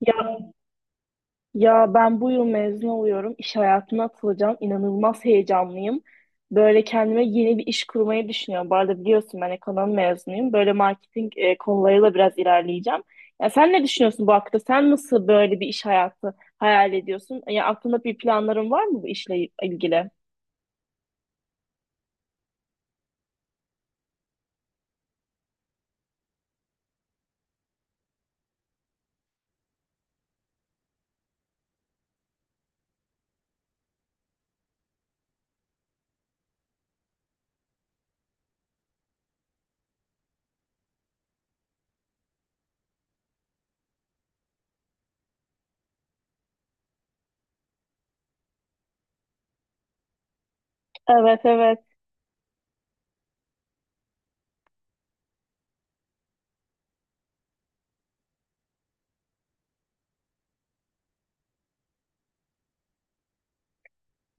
Ya, ya ben bu yıl mezun oluyorum. İş hayatına atılacağım. İnanılmaz heyecanlıyım. Böyle kendime yeni bir iş kurmayı düşünüyorum. Bu arada biliyorsun ben ekonomi mezunuyum. Böyle marketing konularıyla biraz ilerleyeceğim. Ya sen ne düşünüyorsun bu hakta? Sen nasıl böyle bir iş hayatı hayal ediyorsun? Ya aklında bir planların var mı bu işle ilgili? Evet evet.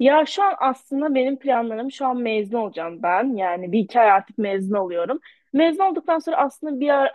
Ya şu an aslında benim planlarım şu an mezun olacağım ben. Yani bir iki ay artık mezun oluyorum. Mezun olduktan sonra aslında bir yer,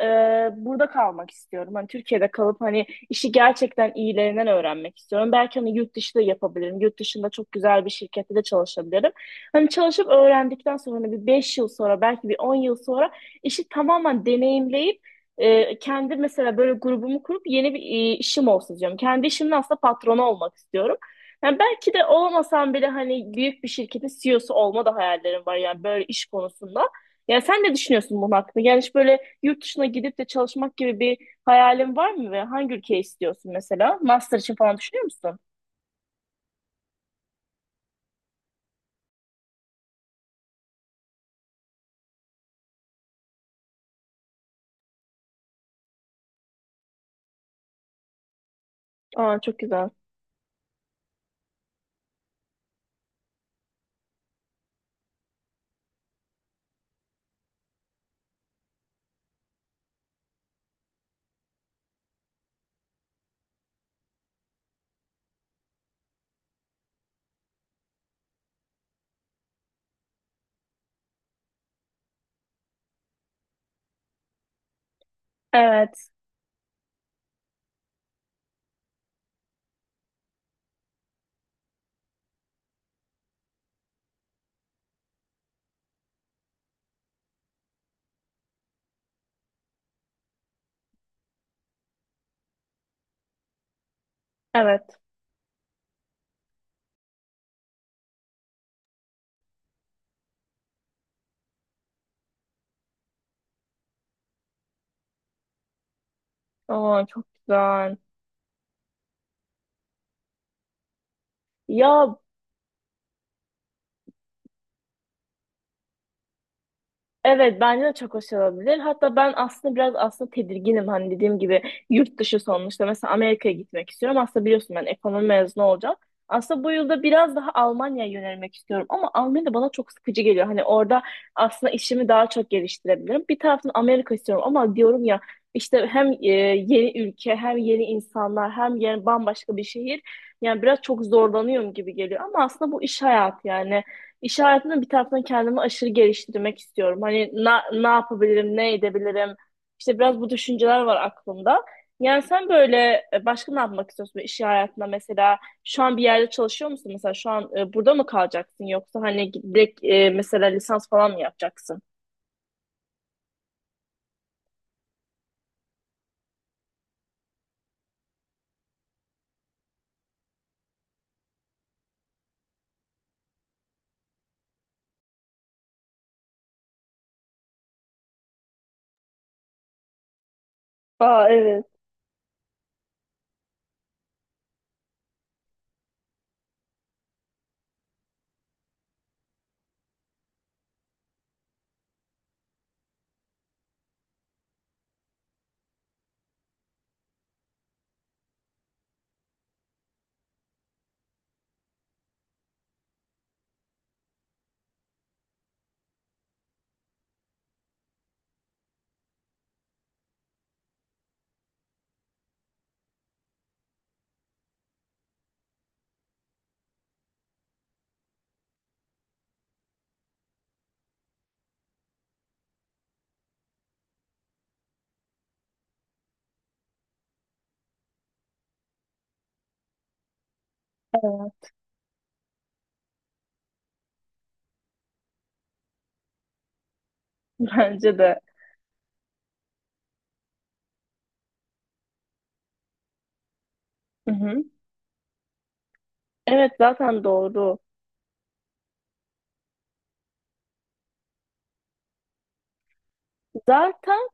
burada kalmak istiyorum. Hani Türkiye'de kalıp hani işi gerçekten iyilerinden öğrenmek istiyorum. Belki hani yurt dışı da yapabilirim. Yurt dışında çok güzel bir şirkette de çalışabilirim. Hani çalışıp öğrendikten sonra hani bir 5 yıl sonra belki bir 10 yıl sonra işi tamamen deneyimleyip kendi mesela böyle grubumu kurup yeni bir işim olsun diyorum. Kendi işimin aslında patronu olmak istiyorum. Yani belki de olamasam bile hani büyük bir şirketin CEO'su olma da hayallerim var yani böyle iş konusunda. Yani sen ne düşünüyorsun bunun hakkında? Yani hiç böyle yurt dışına gidip de çalışmak gibi bir hayalin var mı ve hangi ülke istiyorsun mesela? Master için falan düşünüyor musun? Aa çok güzel. Evet, evet. Aa çok güzel. Ya evet bence de çok hoş olabilir. Hatta ben aslında biraz aslında tedirginim hani dediğim gibi yurt dışı sonuçta mesela Amerika'ya gitmek istiyorum. Aslında biliyorsun ben ekonomi mezunu olacağım. Aslında bu yılda biraz daha Almanya'ya yönelmek istiyorum ama Almanya da bana çok sıkıcı geliyor. Hani orada aslında işimi daha çok geliştirebilirim. Bir taraftan Amerika istiyorum ama diyorum ya işte hem yeni ülke hem yeni insanlar hem yeni bambaşka bir şehir. Yani biraz çok zorlanıyorum gibi geliyor ama aslında bu iş hayatı yani. İş hayatında bir taraftan kendimi aşırı geliştirmek istiyorum. Hani ne yapabilirim, ne edebilirim? İşte biraz bu düşünceler var aklımda. Yani sen böyle başka ne yapmak istiyorsun iş hayatında mesela? Şu an bir yerde çalışıyor musun? Mesela şu an burada mı kalacaksın yoksa hani direkt mesela lisans falan mı yapacaksın? Aa evet. Evet, bence de. Hı hı. Evet zaten doğru. Zaten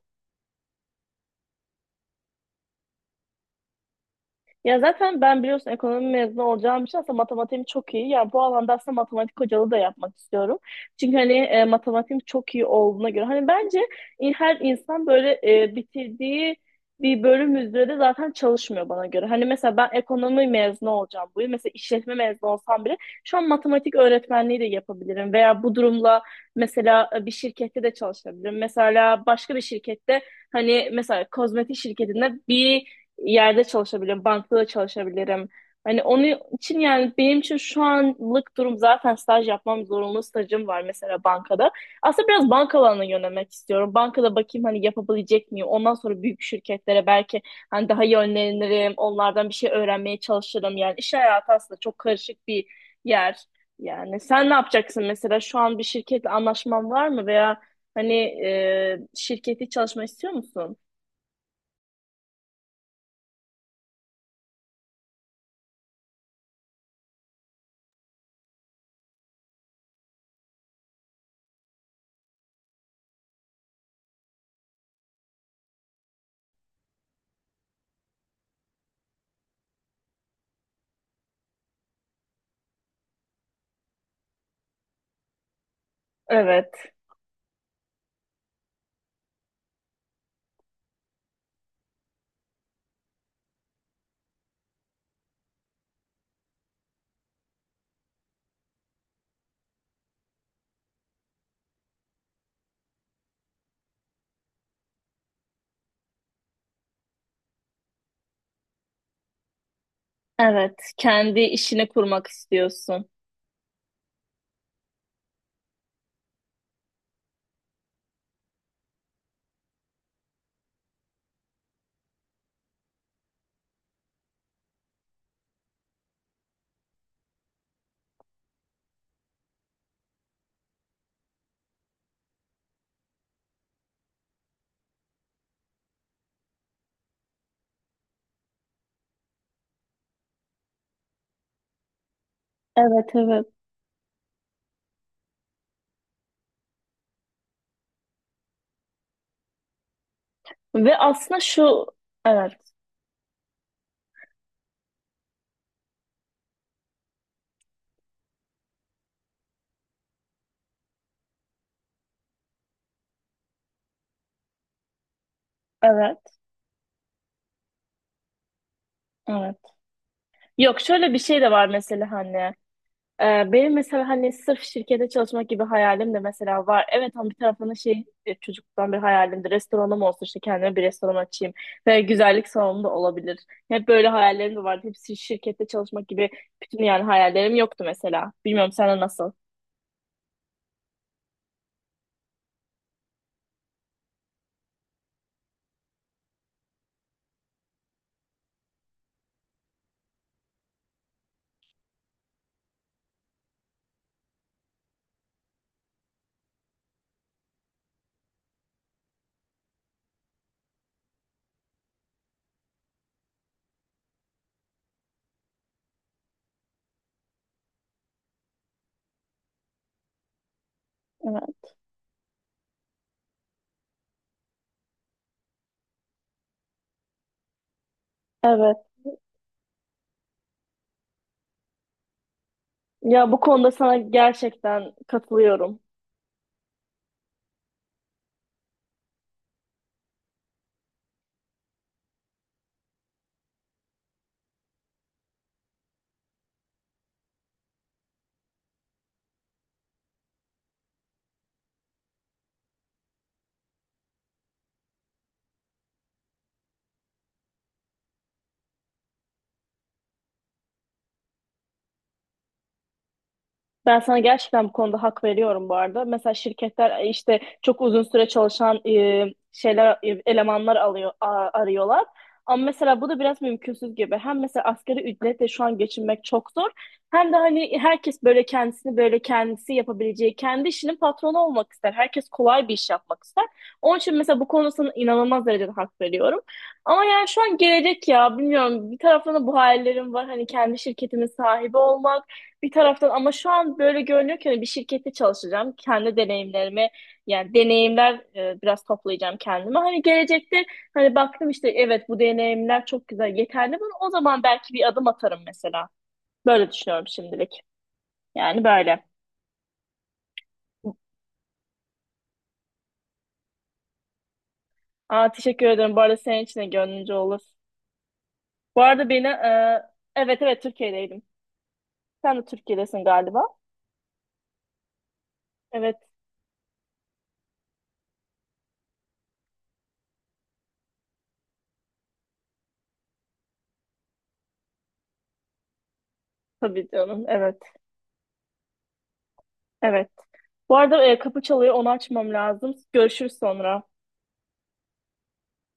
Ya zaten ben biliyorsun ekonomi mezunu olacağım için aslında matematiğim çok iyi. Yani bu alanda aslında matematik hocalığı da yapmak istiyorum. Çünkü hani matematiğim çok iyi olduğuna göre. Hani bence her insan böyle bitirdiği bir bölüm üzere de zaten çalışmıyor bana göre. Hani mesela ben ekonomi mezunu olacağım bu yıl. Mesela işletme mezunu olsam bile şu an matematik öğretmenliği de yapabilirim. Veya bu durumla mesela bir şirkette de çalışabilirim. Mesela başka bir şirkette hani mesela kozmetik şirketinde bir yerde çalışabilirim, bankada da çalışabilirim. Hani onun için yani benim için şu anlık durum zaten staj yapmam zorunlu stajım var mesela bankada. Aslında biraz banka alanına yönelmek istiyorum. Bankada bakayım hani yapabilecek miyim? Ondan sonra büyük şirketlere belki hani daha yönlenirim. Onlardan bir şey öğrenmeye çalışırım. Yani iş hayatı aslında çok karışık bir yer. Yani sen ne yapacaksın mesela şu an bir şirketle anlaşman var mı veya hani şirketi çalışma istiyor musun? Evet. Evet, kendi işini kurmak istiyorsun. Evet, evet. Ve aslında şu, evet, evet, evet. Yok, şöyle bir şey de var mesela hani. Benim mesela hani sırf şirkete çalışmak gibi hayalim de mesela var. Evet ama bir taraftan da şey çocukluktan bir hayalimdi. Restoranım olsun işte kendime bir restoran açayım. Ve güzellik salonum da olabilir. Hep böyle hayallerim de vardı. Hepsi şirkette çalışmak gibi bütün yani hayallerim yoktu mesela. Bilmiyorum sana nasıl? Evet. Evet. Ya bu konuda sana gerçekten katılıyorum. Ben sana gerçekten bu konuda hak veriyorum bu arada. Mesela şirketler işte çok uzun süre çalışan elemanlar alıyor arıyorlar. Ama mesela bu da biraz mümkünsüz gibi. Hem mesela asgari ücretle şu an geçinmek çok zor. Hem de hani herkes böyle kendisini böyle kendisi yapabileceği, kendi işinin patronu olmak ister. Herkes kolay bir iş yapmak ister. Onun için mesela bu konusuna inanılmaz derecede hak veriyorum. Ama yani şu an gelecek ya bilmiyorum. Bir taraftan da bu hayallerim var. Hani kendi şirketimin sahibi olmak bir taraftan ama şu an böyle görünüyor ki hani bir şirkette çalışacağım. Kendi deneyimlerimi yani deneyimler biraz toplayacağım kendime. Hani gelecekte hani baktım işte evet bu deneyimler çok güzel yeterli mi? O zaman belki bir adım atarım mesela. Böyle düşünüyorum şimdilik. Yani böyle. Aa, teşekkür ederim. Bu arada senin için de gönlünce olur. Bu arada beni evet evet Türkiye'deydim. Sen de Türkiye'desin galiba. Evet tabii canım. Evet. Evet. Bu arada kapı çalıyor. Onu açmam lazım. Görüşürüz sonra.